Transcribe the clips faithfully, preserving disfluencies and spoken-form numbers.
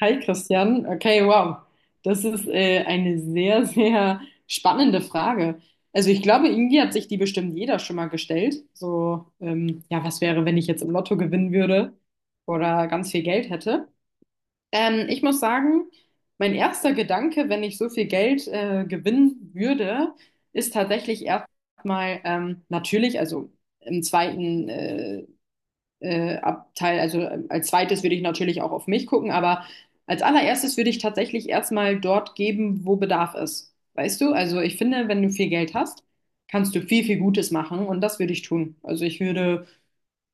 Hi Christian, okay, wow. Das ist äh, eine sehr, sehr spannende Frage. Also ich glaube, irgendwie hat sich die bestimmt jeder schon mal gestellt. So, ähm, ja, was wäre, wenn ich jetzt im Lotto gewinnen würde oder ganz viel Geld hätte? Ähm, ich muss sagen, mein erster Gedanke, wenn ich so viel Geld äh, gewinnen würde, ist tatsächlich erstmal ähm, natürlich, also im zweiten äh, äh, Abteil, also ähm, als zweites würde ich natürlich auch auf mich gucken, aber als allererstes würde ich tatsächlich erstmal dort geben, wo Bedarf ist. Weißt du? Also ich finde, wenn du viel Geld hast, kannst du viel, viel Gutes machen und das würde ich tun. Also ich würde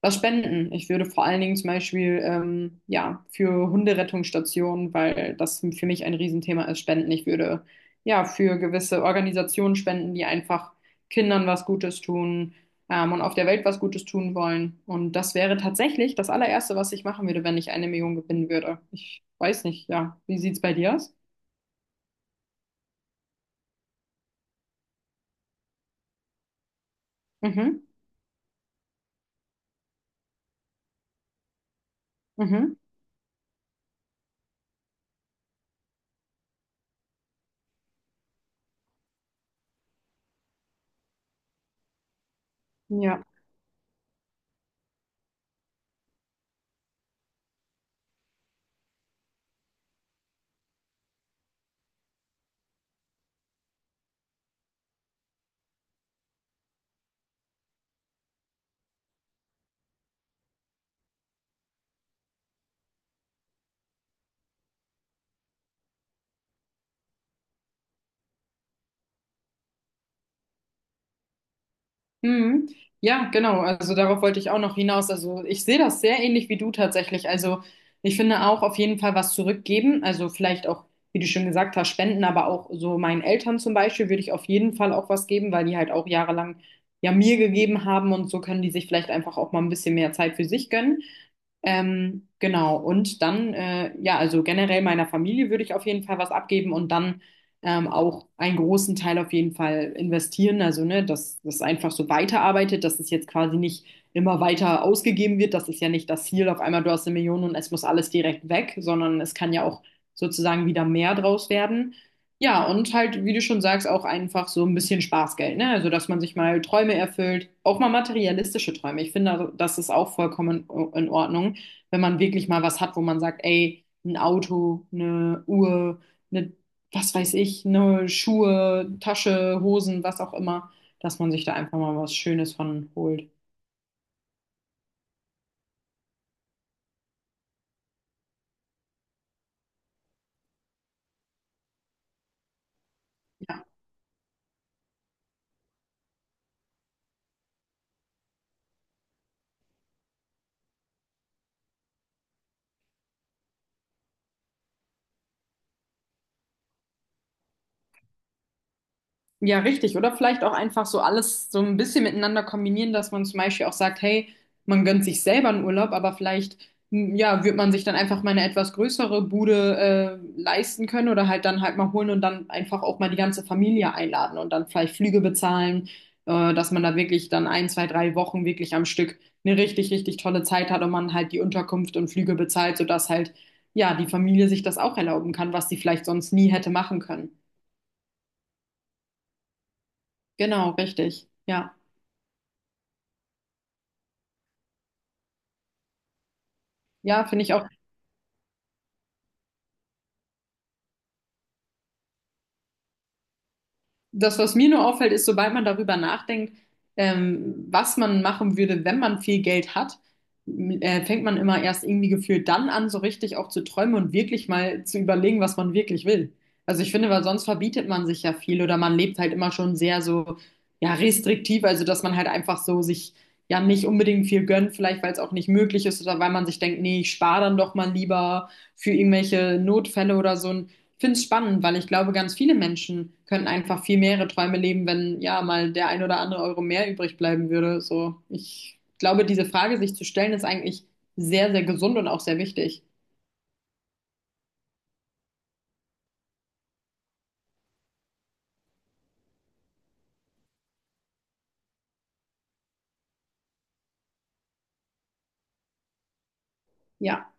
was spenden. Ich würde vor allen Dingen zum Beispiel ähm, ja, für Hunderettungsstationen, weil das für mich ein Riesenthema ist, spenden. Ich würde ja für gewisse Organisationen spenden, die einfach Kindern was Gutes tun ähm, und auf der Welt was Gutes tun wollen. Und das wäre tatsächlich das allererste, was ich machen würde, wenn ich eine Million gewinnen würde. Ich weiß nicht, ja. Wie sieht's bei dir aus? Mhm. Mhm. Ja. Mhm. Ja, genau. Also darauf wollte ich auch noch hinaus. Also ich sehe das sehr ähnlich wie du tatsächlich. Also ich finde auch auf jeden Fall was zurückgeben. Also vielleicht auch, wie du schon gesagt hast, spenden, aber auch so meinen Eltern zum Beispiel würde ich auf jeden Fall auch was geben, weil die halt auch jahrelang ja mir gegeben haben und so können die sich vielleicht einfach auch mal ein bisschen mehr Zeit für sich gönnen. Ähm, genau. Und dann, äh, ja, also generell meiner Familie würde ich auf jeden Fall was abgeben und dann ähm, auch einen großen Teil auf jeden Fall investieren. Also, ne, dass das einfach so weiterarbeitet, dass es jetzt quasi nicht immer weiter ausgegeben wird. Das ist ja nicht das Ziel, auf einmal du hast eine Million und es muss alles direkt weg, sondern es kann ja auch sozusagen wieder mehr draus werden. Ja, und halt, wie du schon sagst, auch einfach so ein bisschen Spaßgeld, ne? Also, dass man sich mal Träume erfüllt, auch mal materialistische Träume. Ich finde, also, das ist auch vollkommen in Ordnung, wenn man wirklich mal was hat, wo man sagt, ey, ein Auto, eine Uhr, eine was weiß ich, ne, Schuhe, Tasche, Hosen, was auch immer, dass man sich da einfach mal was Schönes von holt. Ja. Ja, richtig. Oder vielleicht auch einfach so alles so ein bisschen miteinander kombinieren, dass man zum Beispiel auch sagt, hey, man gönnt sich selber einen Urlaub, aber vielleicht, m, ja, wird man sich dann einfach mal eine etwas größere Bude, äh, leisten können oder halt dann halt mal holen und dann einfach auch mal die ganze Familie einladen und dann vielleicht Flüge bezahlen, äh, dass man da wirklich dann ein, zwei, drei Wochen wirklich am Stück eine richtig, richtig tolle Zeit hat und man halt die Unterkunft und Flüge bezahlt, sodass halt, ja, die Familie sich das auch erlauben kann, was sie vielleicht sonst nie hätte machen können. Genau, richtig. Ja. Ja, finde ich auch. Das, was mir nur auffällt, ist, sobald man darüber nachdenkt, ähm, was man machen würde, wenn man viel Geld hat, m- äh, fängt man immer erst irgendwie gefühlt dann an, so richtig auch zu träumen und wirklich mal zu überlegen, was man wirklich will. Also ich finde, weil sonst verbietet man sich ja viel oder man lebt halt immer schon sehr so, ja, restriktiv, also dass man halt einfach so sich ja nicht unbedingt viel gönnt, vielleicht weil es auch nicht möglich ist oder weil man sich denkt, nee, ich spare dann doch mal lieber für irgendwelche Notfälle oder so. Finde es spannend, weil ich glaube, ganz viele Menschen könnten einfach viel mehrere Träume leben, wenn ja mal der ein oder andere Euro mehr übrig bleiben würde. So, ich glaube, diese Frage sich zu stellen, ist eigentlich sehr, sehr gesund und auch sehr wichtig. Ja.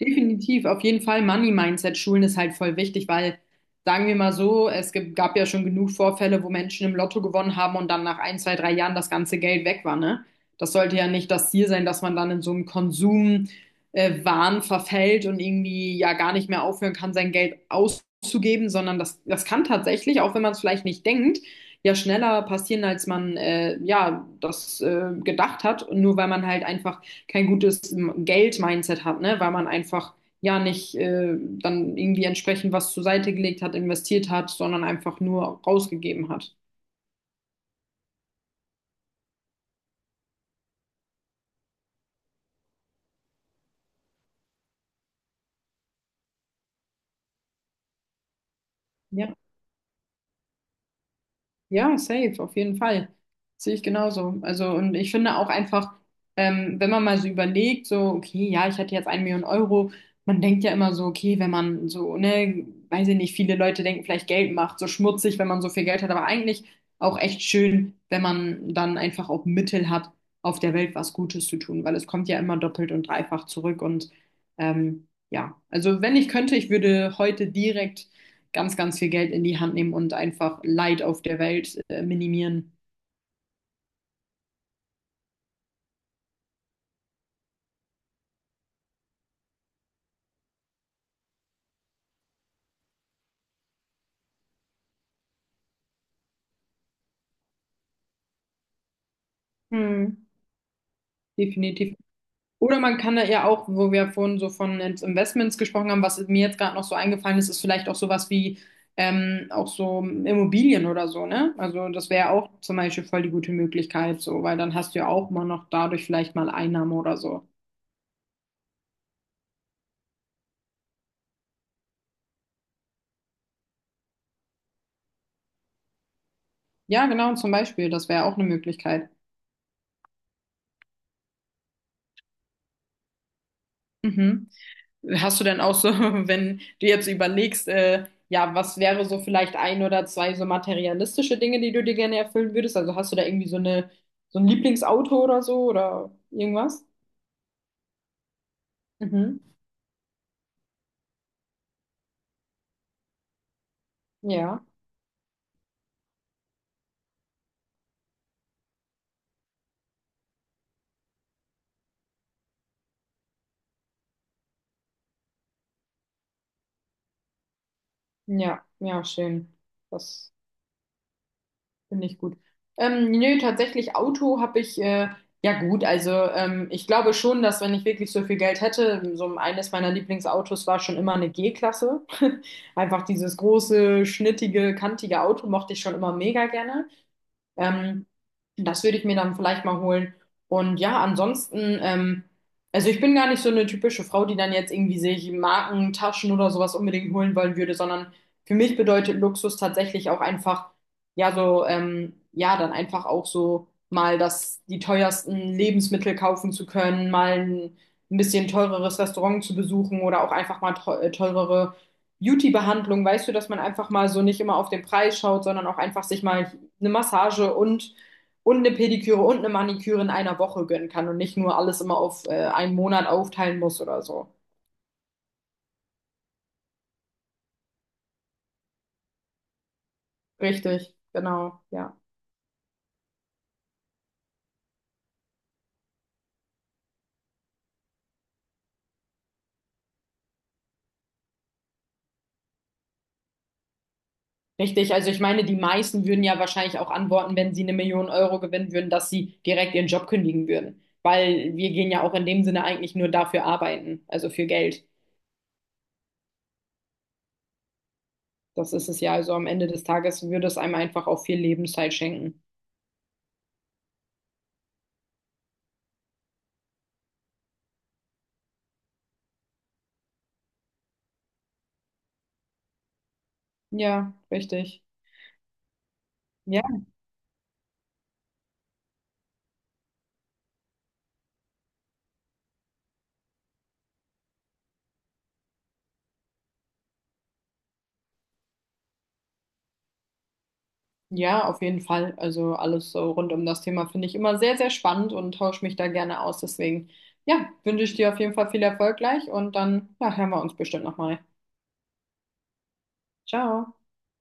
Definitiv, auf jeden Fall Money-Mindset-Schulen ist halt voll wichtig, weil, sagen wir mal so, es gibt, gab ja schon genug Vorfälle, wo Menschen im Lotto gewonnen haben und dann nach ein, zwei, drei Jahren das ganze Geld weg war, ne? Das sollte ja nicht das Ziel sein, dass man dann in so einem Konsum, äh, Wahn verfällt und irgendwie ja gar nicht mehr aufhören kann, sein Geld auszugeben, sondern das, das kann tatsächlich, auch wenn man es vielleicht nicht denkt, ja schneller passieren, als man äh, ja das äh, gedacht hat, nur weil man halt einfach kein gutes Geld-Mindset hat, ne? Weil man einfach ja nicht äh, dann irgendwie entsprechend was zur Seite gelegt hat, investiert hat, sondern einfach nur rausgegeben hat. Ja. Ja, safe, auf jeden Fall. Sehe ich genauso. Also, und ich finde auch einfach, ähm, wenn man mal so überlegt, so, okay, ja, ich hatte jetzt eine Million Euro, man denkt ja immer so, okay, wenn man so, ne, weiß ich nicht, viele Leute denken vielleicht Geld macht so schmutzig, wenn man so viel Geld hat, aber eigentlich auch echt schön, wenn man dann einfach auch Mittel hat, auf der Welt was Gutes zu tun, weil es kommt ja immer doppelt und dreifach zurück und ähm, ja, also wenn ich könnte, ich würde heute direkt ganz, ganz viel Geld in die Hand nehmen und einfach Leid auf der Welt äh, minimieren. Hm. Definitiv. Oder man kann da ja auch, wo wir vorhin so von jetzt Investments gesprochen haben, was mir jetzt gerade noch so eingefallen ist, ist vielleicht auch sowas wie ähm, auch so Immobilien oder so, ne? Also das wäre ja auch zum Beispiel voll die gute Möglichkeit, so, weil dann hast du ja auch mal noch dadurch vielleicht mal Einnahmen oder so. Ja, genau, zum Beispiel, das wäre auch eine Möglichkeit. Mhm. Hast du denn auch so, wenn du jetzt überlegst, äh, ja, was wäre so vielleicht ein oder zwei so materialistische Dinge, die du dir gerne erfüllen würdest? Also hast du da irgendwie so eine, so ein Lieblingsauto oder so oder irgendwas? Mhm. Ja, ja, ja, schön. Das. Finde ich gut. Ähm, nö, tatsächlich Auto habe ich, äh, ja gut, also ähm, ich glaube schon, dass wenn ich wirklich so viel Geld hätte, so eines meiner Lieblingsautos war schon immer eine G-Klasse. Einfach dieses große, schnittige, kantige Auto mochte ich schon immer mega gerne. Ähm, Das würde ich mir dann vielleicht mal holen. Und ja, ansonsten, ähm, also ich bin gar nicht so eine typische Frau, die dann jetzt irgendwie sich Marken, Taschen oder sowas unbedingt holen wollen würde, sondern für mich bedeutet Luxus tatsächlich auch einfach, ja, so, ähm, ja, dann einfach auch so mal das, die teuersten Lebensmittel kaufen zu können, mal ein, ein bisschen teureres Restaurant zu besuchen oder auch einfach mal teu- äh, teurere Beauty-Behandlung, weißt du, dass man einfach mal so nicht immer auf den Preis schaut, sondern auch einfach sich mal eine Massage und, und eine Pediküre und eine Maniküre in einer Woche gönnen kann und nicht nur alles immer auf äh, einen Monat aufteilen muss oder so. Richtig, genau, ja. Richtig, also ich meine, die meisten würden ja wahrscheinlich auch antworten, wenn sie eine Million Euro gewinnen würden, dass sie direkt ihren Job kündigen würden. Weil wir gehen ja auch in dem Sinne eigentlich nur dafür arbeiten, also für Geld. Das ist es ja. Also am Ende des Tages würde es einem einfach auch viel Lebenszeit schenken. Ja, richtig. Ja. Ja, auf jeden Fall. Also alles so rund um das Thema finde ich immer sehr, sehr spannend und tausche mich da gerne aus. Deswegen, ja, wünsche ich dir auf jeden Fall viel Erfolg gleich und dann, ja, hören wir uns bestimmt nochmal. Ciao.